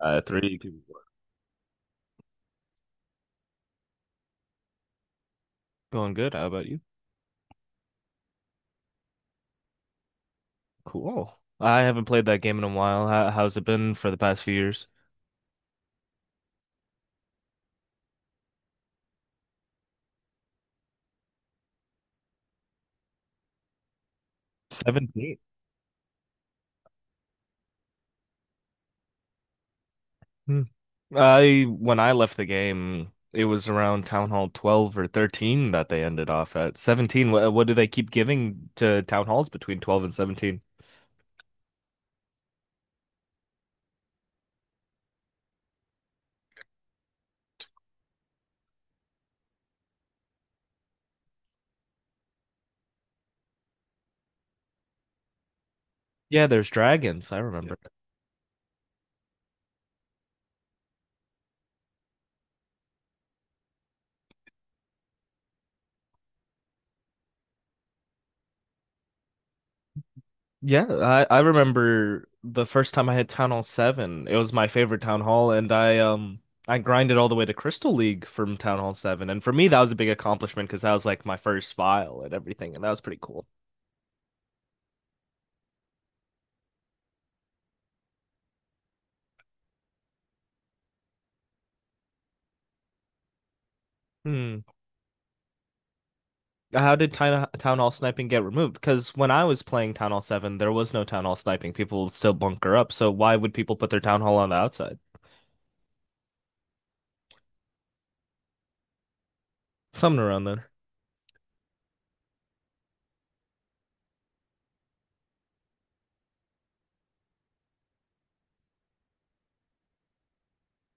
Three. Give. Going good. How about you? Cool. I haven't played that game in a while. How's it been for the past few years? 17. Hmm. I when I left the game, it was around Town Hall 12 or 13 that they ended off at. 17. What do they keep giving to Town Halls between 12 and 17? Yeah, there's dragons. I, yeah, remember. Yeah, I remember the first time I had Town Hall 7. It was my favorite Town Hall, and I grinded all the way to Crystal League from Town Hall 7. And for me, that was a big accomplishment because that was like my first file and everything, and that was pretty cool. Hmm. How did Town Hall sniping get removed? Because when I was playing Town Hall 7, there was no Town Hall sniping. People would still bunker up, so why would people put their Town Hall on the outside? Something around there.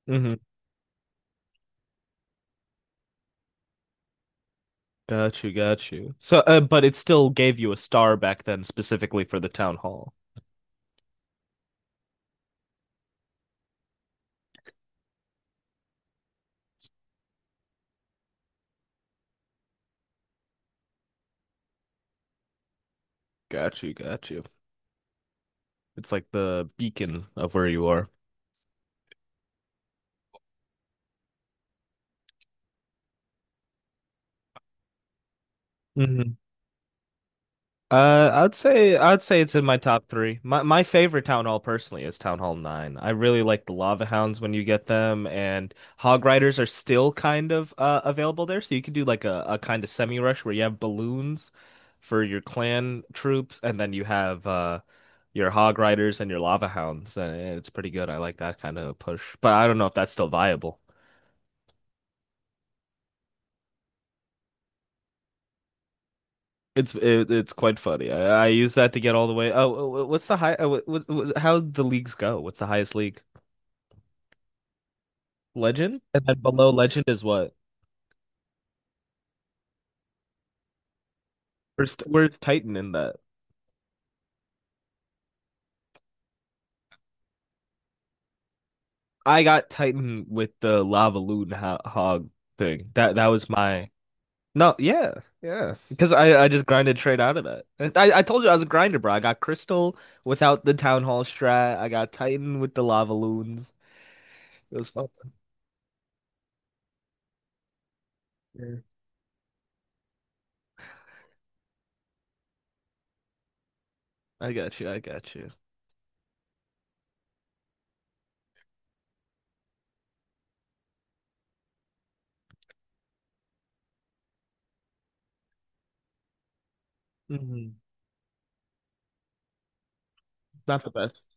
Mm-hmm. Got you, got you. So, but it still gave you a star back then specifically for the Town Hall. Got you, got you. It's like the beacon of where you are. Hmm. I'd say it's in my top three. My favorite town hall personally is Town Hall 9. I really like the lava hounds when you get them, and hog riders are still kind of available there, so you could do like a kind of semi rush where you have balloons for your clan troops, and then you have your hog riders and your lava hounds, and it's pretty good. I like that kind of push, but I don't know if that's still viable. It's quite funny. I use that to get all the way. Oh, oh, oh, How the leagues go? What's the highest league? Legend, and then below Legend is what? Where's Titan in that? I got Titan with the Lava Loon ho Hog thing. That was my. No. Yeah, yeah. Because I just grinded straight out of that. And I told you I was a grinder, bro. I got Crystal without the Town Hall strat. I got Titan with the Lava Loons. It was fun. Yeah. I got you. I got you. Hmm. Not the best.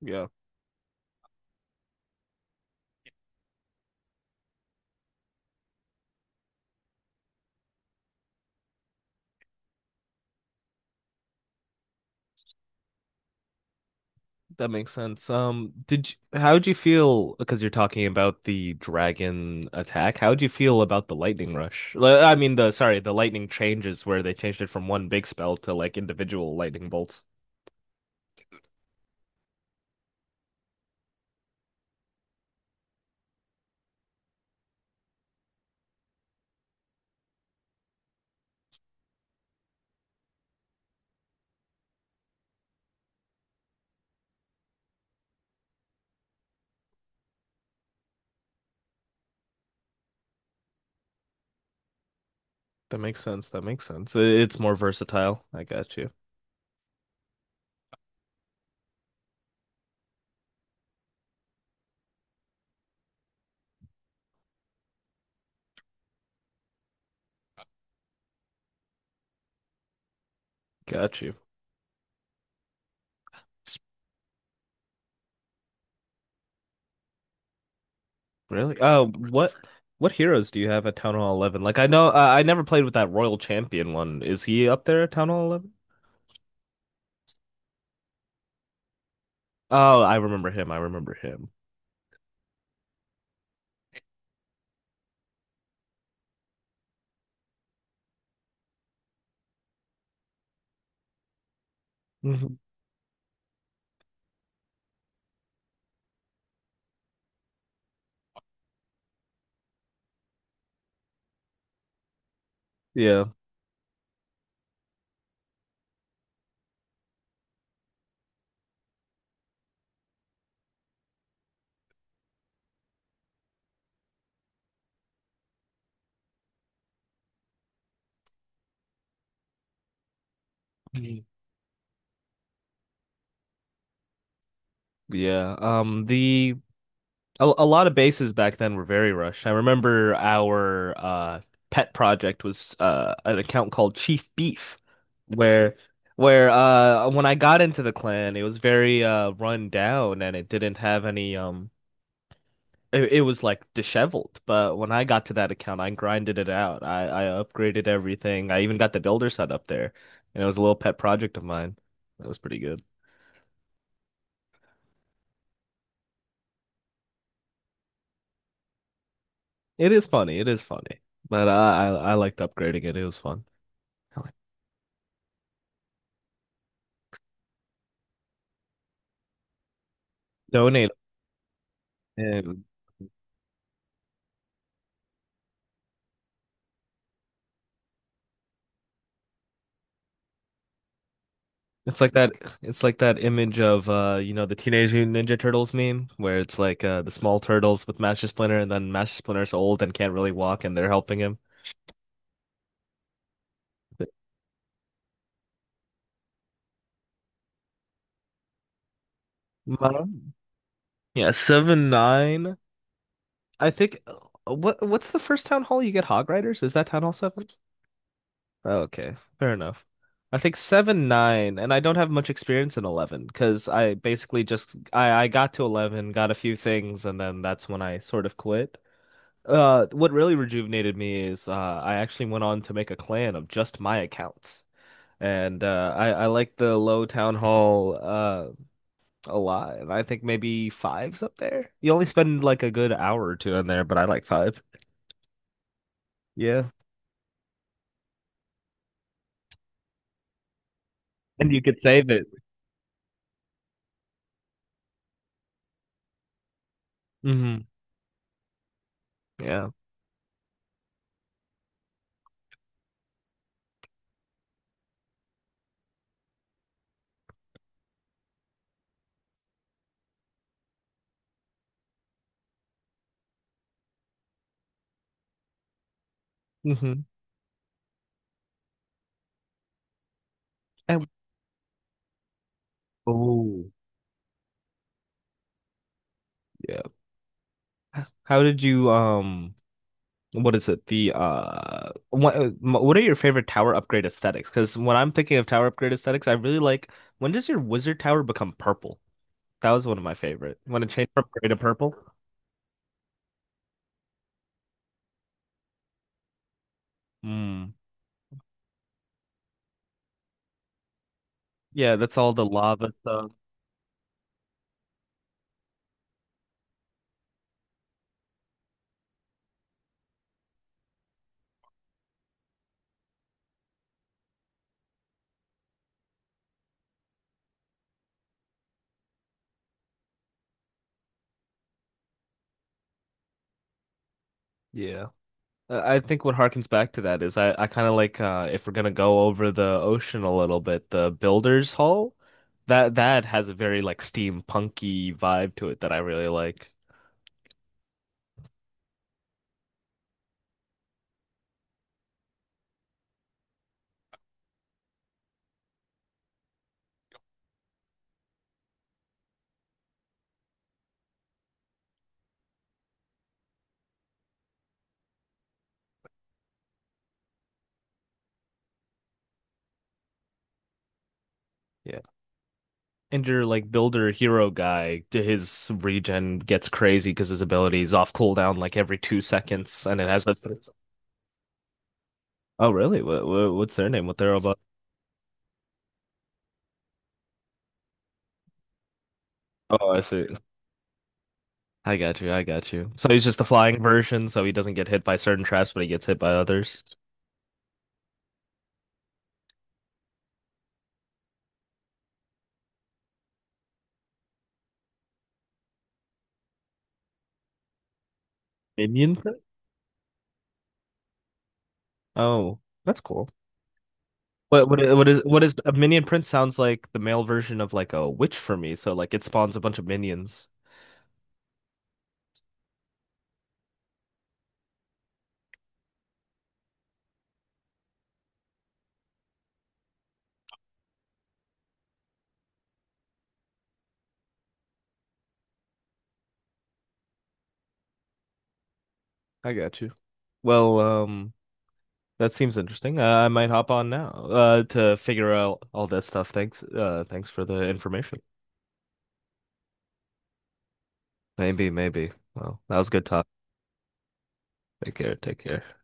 Yeah. That makes sense. How'd you feel? Because you're talking about the dragon attack. How'd you feel about the lightning rush? I mean, the sorry, the lightning changes where they changed it from one big spell to like individual lightning bolts. That makes sense. That makes sense. It's more versatile. I got you. Got you. S- Really? Oh, what heroes do you have at Town Hall 11? Like I know I never played with that Royal Champion one. Is he up there at Town Hall 11? Oh, I remember him. I remember him. Mhm. Yeah. Yeah. A lot of bases back then were very rushed. I remember our pet project was an account called Chief Beef where where when I got into the clan it was very run down and it didn't have any it was like disheveled. But when I got to that account I grinded it out. I upgraded everything. I even got the builder set up there and it was a little pet project of mine. That was pretty good. It is funny. It is funny. But I liked upgrading it. It was fun. I like donate. And it's like that it's like that image of the Teenage Mutant Ninja Turtles meme where it's like the small turtles with Master Splinter and then Master Splinter's old and can't really walk and they're helping him. Mom? Yeah, 7, 9. I think what's the first town hall you get hog riders? Is that town hall 7? Oh, okay, fair enough. I think seven, nine, and I don't have much experience in 11 because I basically just I got to 11, got a few things, and then that's when I sort of quit. What really rejuvenated me is I actually went on to make a clan of just my accounts, and I like the low town hall a lot, and I think maybe five's up there. You only spend like a good hour or two in there, but I like five. Yeah. And you could save it. Hmm. Yeah. Hmm. And. Oh. Yeah. How did you what is it? What are your favorite tower upgrade aesthetics? Because when I'm thinking of tower upgrade aesthetics, I really like when does your wizard tower become purple? That was one of my favorite. When it changed from gray to purple. Mm. Yeah, that's all the lava stuff. Yeah. I think what harkens back to that is I kind of like if we're gonna go over the ocean a little bit, the Builder's Hall, that has a very like steampunky vibe to it that I really like. Yeah. And your like builder hero guy, his regen gets crazy because his ability is off cooldown like every 2 seconds, and it has a. Oh really? What's their name? What they're about? Oh, I see. I got you. I got you. So he's just the flying version, so he doesn't get hit by certain traps, but he gets hit by others. Minion prince. Oh, that's cool. What is a minion prince? Sounds like the male version of like a witch for me. So like it spawns a bunch of minions. I got you. Well, that seems interesting. I might hop on now to figure out all that stuff. Thanks. Thanks for the information. Maybe, maybe. Well, that was a good talk. Take care. Take care.